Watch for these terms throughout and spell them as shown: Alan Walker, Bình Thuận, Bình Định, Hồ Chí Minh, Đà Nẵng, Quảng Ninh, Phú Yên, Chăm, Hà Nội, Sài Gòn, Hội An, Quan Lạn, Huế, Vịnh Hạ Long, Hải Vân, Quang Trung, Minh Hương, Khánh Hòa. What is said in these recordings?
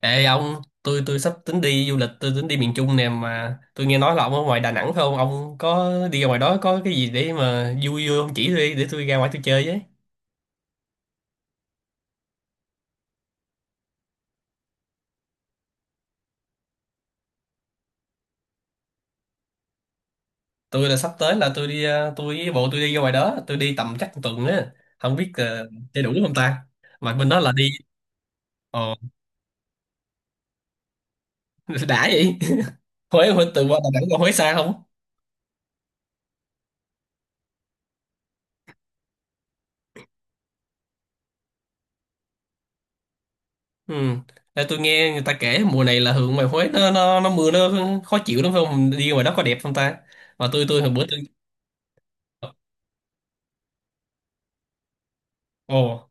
Ê ông, tôi sắp tính đi du lịch, tôi tính đi miền Trung nè mà tôi nghe nói là ông ở ngoài Đà Nẵng phải không? Ông có đi ra ngoài đó có cái gì để mà vui vui ông chỉ tôi đi để tôi ra ngoài tôi chơi với. Tôi là sắp tới là tôi đi tôi với bộ tôi đi ra ngoài đó, tôi đi tầm chắc một tuần á, không biết chơi đủ không ta. Mà bên đó là đi ờ đã vậy. Huế Huế từ qua Đà Nẵng qua Huế xa không? Ừ. Ê, tôi nghe người ta kể mùa này là hướng ngoài Huế nó mưa nó khó chịu lắm phải không? Đi ngoài đó có đẹp không ta? Mà tôi hồi bữa tôi. Ồ.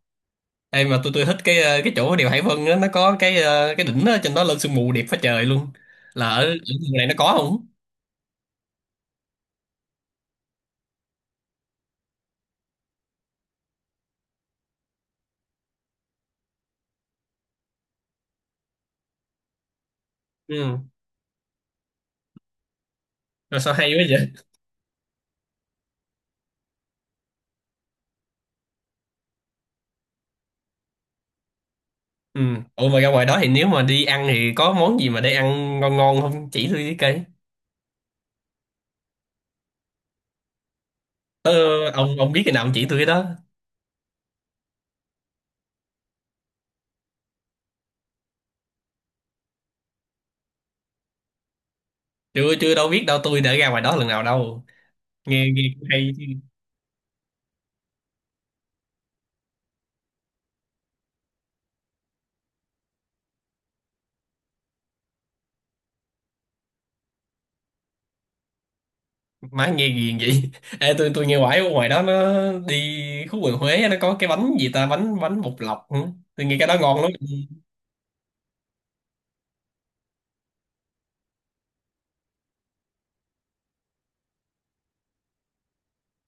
Ê mà tôi thích cái cái chỗ đèo Hải Vân á, nó có cái cái đỉnh đó, trên đó lên sương mù đẹp phá trời luôn. Là ở ở vùng này nó có không? Ừ. Rồi sao hay quá vậy? Ừ. Ủa mà ra ngoài đó thì nếu mà đi ăn thì có món gì mà để ăn ngon ngon không? Chỉ tôi với cây. Ờ, ông biết cái nào ông chỉ tôi cái đó. Chưa chưa đâu biết đâu tôi đã ra ngoài đó lần nào đâu. Nghe nghe cũng hay chứ. Má nghe ghiền vậy. Ê tôi nghe hoài ở ngoài đó nó đi khu vườn Huế á, nó có cái bánh gì ta, bánh bánh bột lọc hả? Tôi nghe cái đó ngon lắm.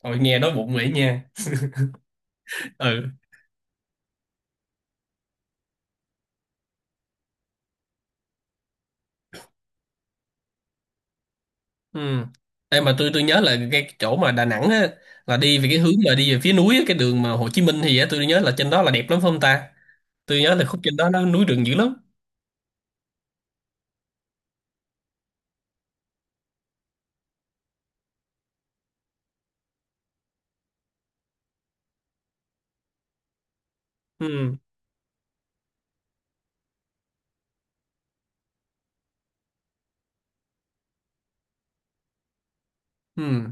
Thôi nghe đói bụng vậy nha. Ừ. Ừ. Ê, mà tôi nhớ là cái chỗ mà Đà Nẵng á, là đi về cái hướng mà đi về phía núi á, cái đường mà Hồ Chí Minh thì á, tôi nhớ là trên đó là đẹp lắm phải không ta? Tôi nhớ là khúc trên đó nó núi rừng dữ lắm. Ừ. Ừ.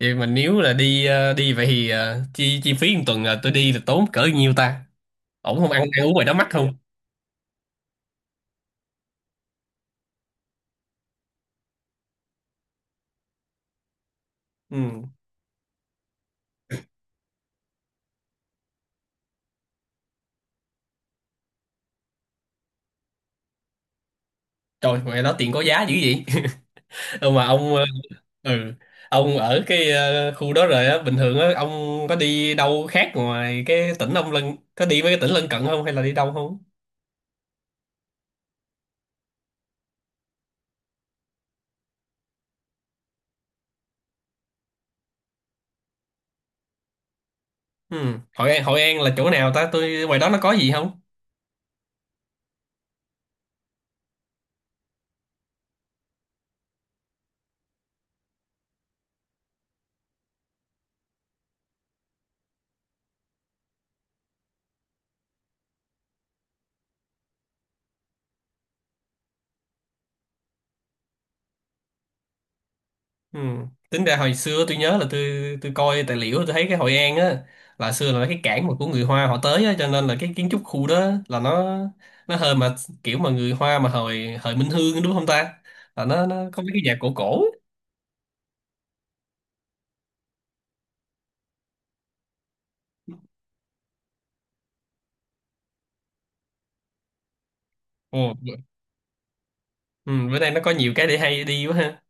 Vậy mà nếu là đi đi vậy thì chi chi phí một tuần là tôi đi là tốn cỡ nhiêu ta? Ổn không ăn ăn uống ngoài đó mắc không? Ừ. Trời ngoài đó tiền có giá dữ vậy. Ừ, mà ông ừ, ông ở cái khu đó rồi á bình thường á ông có đi đâu khác ngoài cái tỉnh ông lân có đi mấy cái tỉnh lân cận không hay là đi đâu không? Ừ. Hội An là chỗ nào ta tôi ngoài đó nó có gì không. Ừ. Tính ra hồi xưa tôi nhớ là tôi coi tài liệu tôi thấy cái Hội An á là xưa là cái cảng mà của người Hoa họ tới á cho nên là cái kiến trúc khu đó là nó hơi mà kiểu mà người Hoa mà hồi hồi Minh Hương đúng không ta là nó có mấy cái nhà cổ cổ á. Ừ. Ừ. Bữa nay nó có nhiều cái để hay đi quá ha.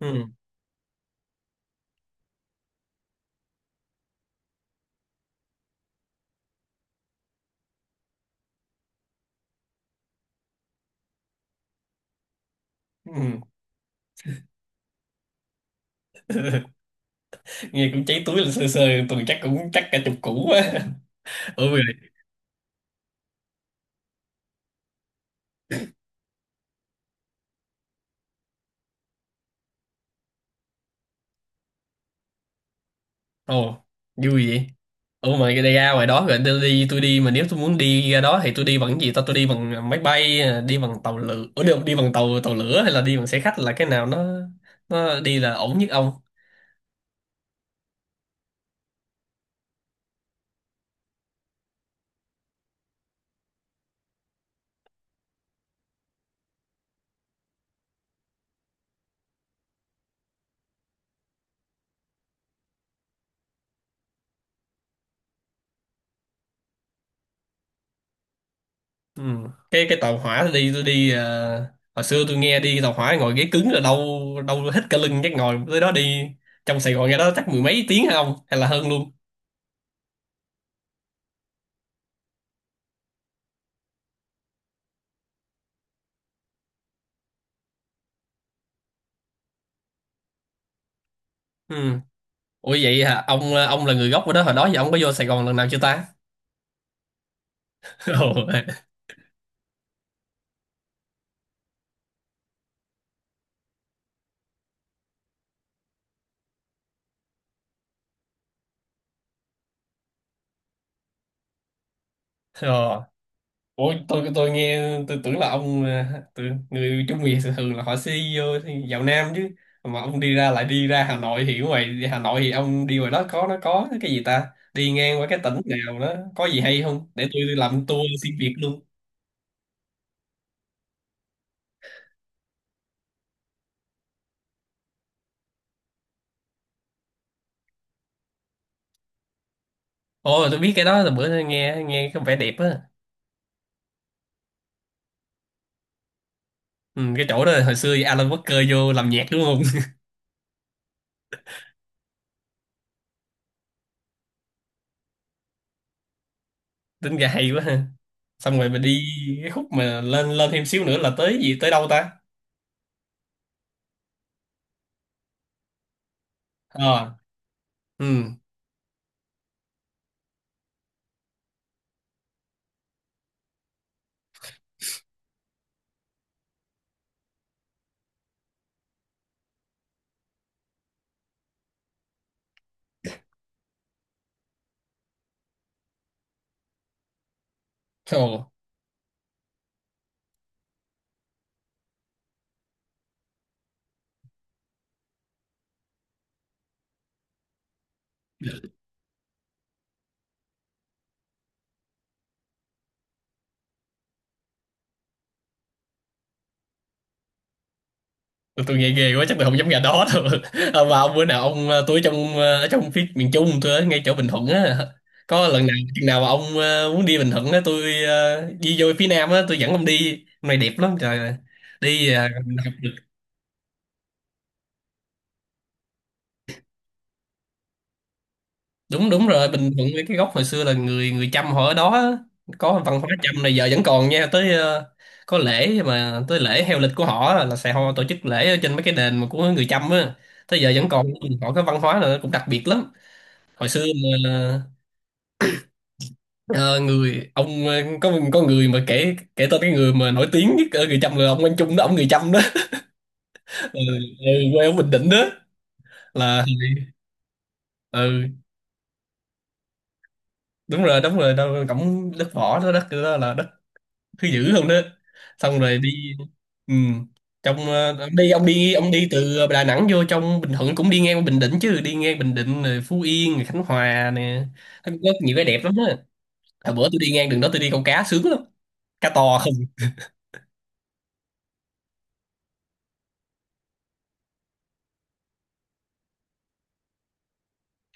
Ừ. Ừ. Nghe cũng cháy túi là sơ sơ tuần chắc cũng chắc cả chục củ quá. Ừ. Ồ, vui vậy. Ủa mà cái ra ngoài đó rồi tôi đi mà nếu tôi muốn đi ra đó thì tôi đi bằng cái gì ta tôi đi bằng máy bay, đi bằng tàu lửa, Ủa, đi, đi bằng tàu tàu lửa hay là đi bằng xe khách là cái nào nó đi là ổn nhất ông? Ừ. Cái tàu hỏa tôi đi hồi xưa tôi nghe đi tàu hỏa ngồi ghế cứng là đau đau hết cả lưng chắc ngồi tới đó đi trong Sài Gòn ra đó chắc mười mấy tiếng hả ông hay là hơn luôn. Ừ. Ủa vậy hả? Ông là người gốc ở đó hồi đó giờ ông có vô Sài Gòn lần nào chưa ta? Ồ. Ờ. Ủa tôi nghe tôi tưởng là ông à, tôi, người Trung Việt thường là họ xí vô vào Nam chứ mà ông đi ra lại đi ra Hà Nội thì ở ngoài đi Hà Nội thì ông đi ngoài đó có nó có cái gì ta đi ngang qua cái tỉnh nào đó có gì hay không để tôi đi làm tour xuyên Việt luôn. Ồ tôi biết cái đó là bữa tôi nghe nghe có vẻ đẹp á. Ừ, cái chỗ đó hồi xưa Alan Walker vô làm nhạc đúng không. Tính ra hay quá ha xong rồi mình đi cái khúc mà lên lên thêm xíu nữa là tới gì tới đâu ta. Ờ. Ừ. Tôi nghe ghê quá chắc tôi không dám ra đó đâu. À, mà ông bữa nào ông tôi ở trong ở trong phía miền Trung tôi ở ngay chỗ Bình Thuận á có lần nào chừng nào mà ông muốn đi Bình Thuận á tôi đi vô phía Nam á tôi dẫn ông đi hôm nay đẹp lắm trời ơi. Đi mình học được đúng đúng rồi Bình Thuận với cái gốc hồi xưa là người người Chăm họ ở đó á. Có văn hóa Chăm này giờ vẫn còn nha tới có lễ mà tới lễ heo lịch của họ á, là sẽ họ tổ chức lễ ở trên mấy cái đền mà của người Chăm á tới giờ vẫn còn họ có văn hóa là cũng đặc biệt lắm hồi xưa mà. Ờ, người ông có người mà kể kể tên cái người mà nổi tiếng nhất ở người Chăm là ông Quang Trung đó ông người Chăm đó. Ừ, ừ, quê ở Bình Định đó là ừ đúng rồi đâu cổng đất võ đó đất đó là đất thứ dữ không đó xong rồi đi. Ừ. Trong ông đi ông đi từ Đà Nẵng vô trong Bình Thuận cũng đi ngang qua Bình Định chứ đi ngang Bình Định rồi Phú Yên rồi Khánh Hòa nè. Nó có nhiều cái đẹp lắm á hồi bữa tôi đi ngang đường đó tôi đi câu cá sướng lắm cá to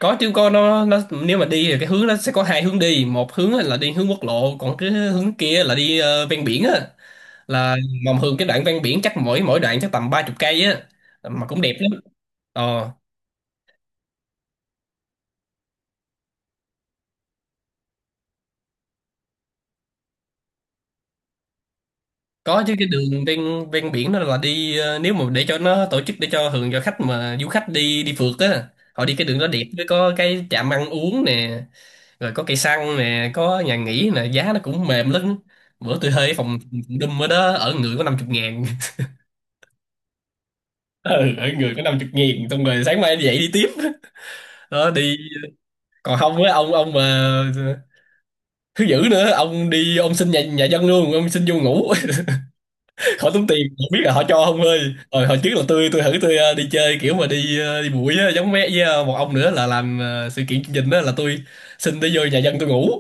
có chứ con nó nếu mà đi thì cái hướng nó sẽ có hai hướng đi một hướng á là đi hướng quốc lộ còn cái hướng kia là đi ven biển á là mà thường cái đoạn ven biển chắc mỗi mỗi đoạn chắc tầm ba chục cây á mà cũng đẹp lắm. Ờ có chứ cái đường ven ven biển đó là đi nếu mà để cho nó tổ chức để cho thường cho khách mà du khách đi đi phượt á họ đi cái đường đó đẹp với có cái trạm ăn uống nè rồi có cây xăng nè có nhà nghỉ nè giá nó cũng mềm lắm bữa tôi thuê phòng phòng đùm ở đó ở người có năm chục ngàn. Ừ. Ở người có năm chục nghìn xong rồi sáng mai dậy đi tiếp đó đi còn không á ông mà thứ dữ nữa ông đi ông xin nhà nhà dân luôn ông xin vô ngủ. Khỏi tốn tiền không biết là họ cho không ơi rồi hồi trước là tôi thử tôi đi chơi kiểu mà đi đi bụi á giống mẹ với một ông nữa là làm sự kiện chương trình đó là tôi xin đi vô nhà dân tôi ngủ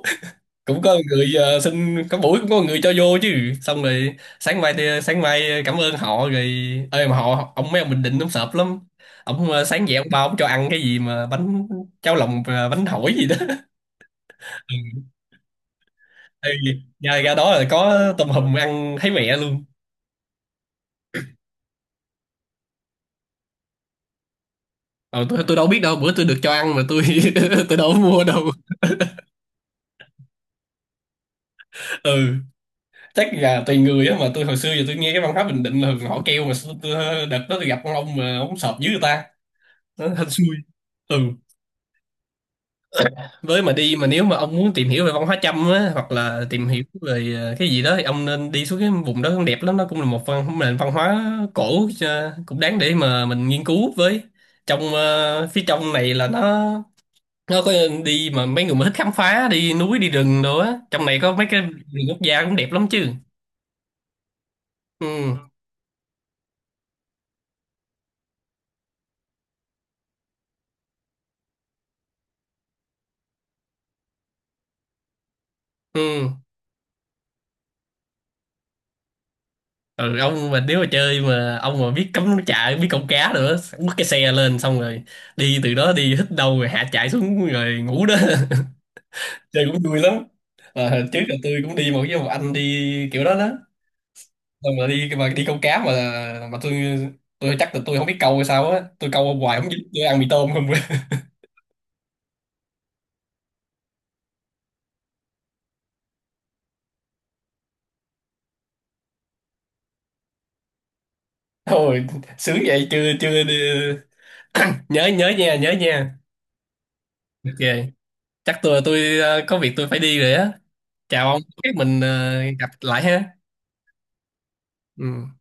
cũng có người xin có buổi cũng có người cho vô chứ xong rồi sáng mai thì- sáng mai cảm ơn họ rồi ơi mà họ ông mấy ông Bình Định ông sợp lắm ông sáng dậy ông bao ông cho ăn cái gì mà bánh cháo lòng bánh hỏi gì đó. Ừ. Ê, nhà ra đó là có tôm hùm ăn thấy mẹ luôn. Ờ, tôi đâu biết đâu bữa tôi được cho ăn mà tôi tôi đâu có mua đâu. Ừ, chắc là tùy người á mà tôi hồi xưa giờ tôi nghe cái văn hóa Bình Định là thường họ kêu mà đợt đó tôi gặp con ông mà ông sợp dưới người ta nó hên xui. Ừ với mà đi mà nếu mà ông muốn tìm hiểu về văn hóa Chăm á hoặc là tìm hiểu về cái gì đó thì ông nên đi xuống cái vùng đó cũng đẹp lắm nó cũng là một văn nền văn hóa cổ cũng đáng để mà mình nghiên cứu với trong phía trong này là nó có đi mà mấy người mà thích khám phá đi núi đi rừng đồ á trong này có mấy cái vườn quốc gia cũng đẹp lắm chứ. Ừ. Ừ. Ừ ông mà nếu mà chơi mà ông mà biết cắm trại biết câu cá nữa bắt cái xe lên xong rồi đi từ đó đi hít đâu rồi hạ chạy xuống rồi ngủ đó. Chơi cũng vui lắm. À, trước là tôi cũng đi một với một anh đi kiểu đó đó xong rồi đi mà đi câu cá mà tôi chắc là tôi không biết câu hay sao á tôi câu hoài không dính tôi ăn mì tôm không. Thôi sướng vậy chưa chưa đi... nhớ nhớ nha nhớ nha. Ok chắc tôi có việc tôi phải đi rồi á chào ông chắc mình gặp lại ha. Ừ.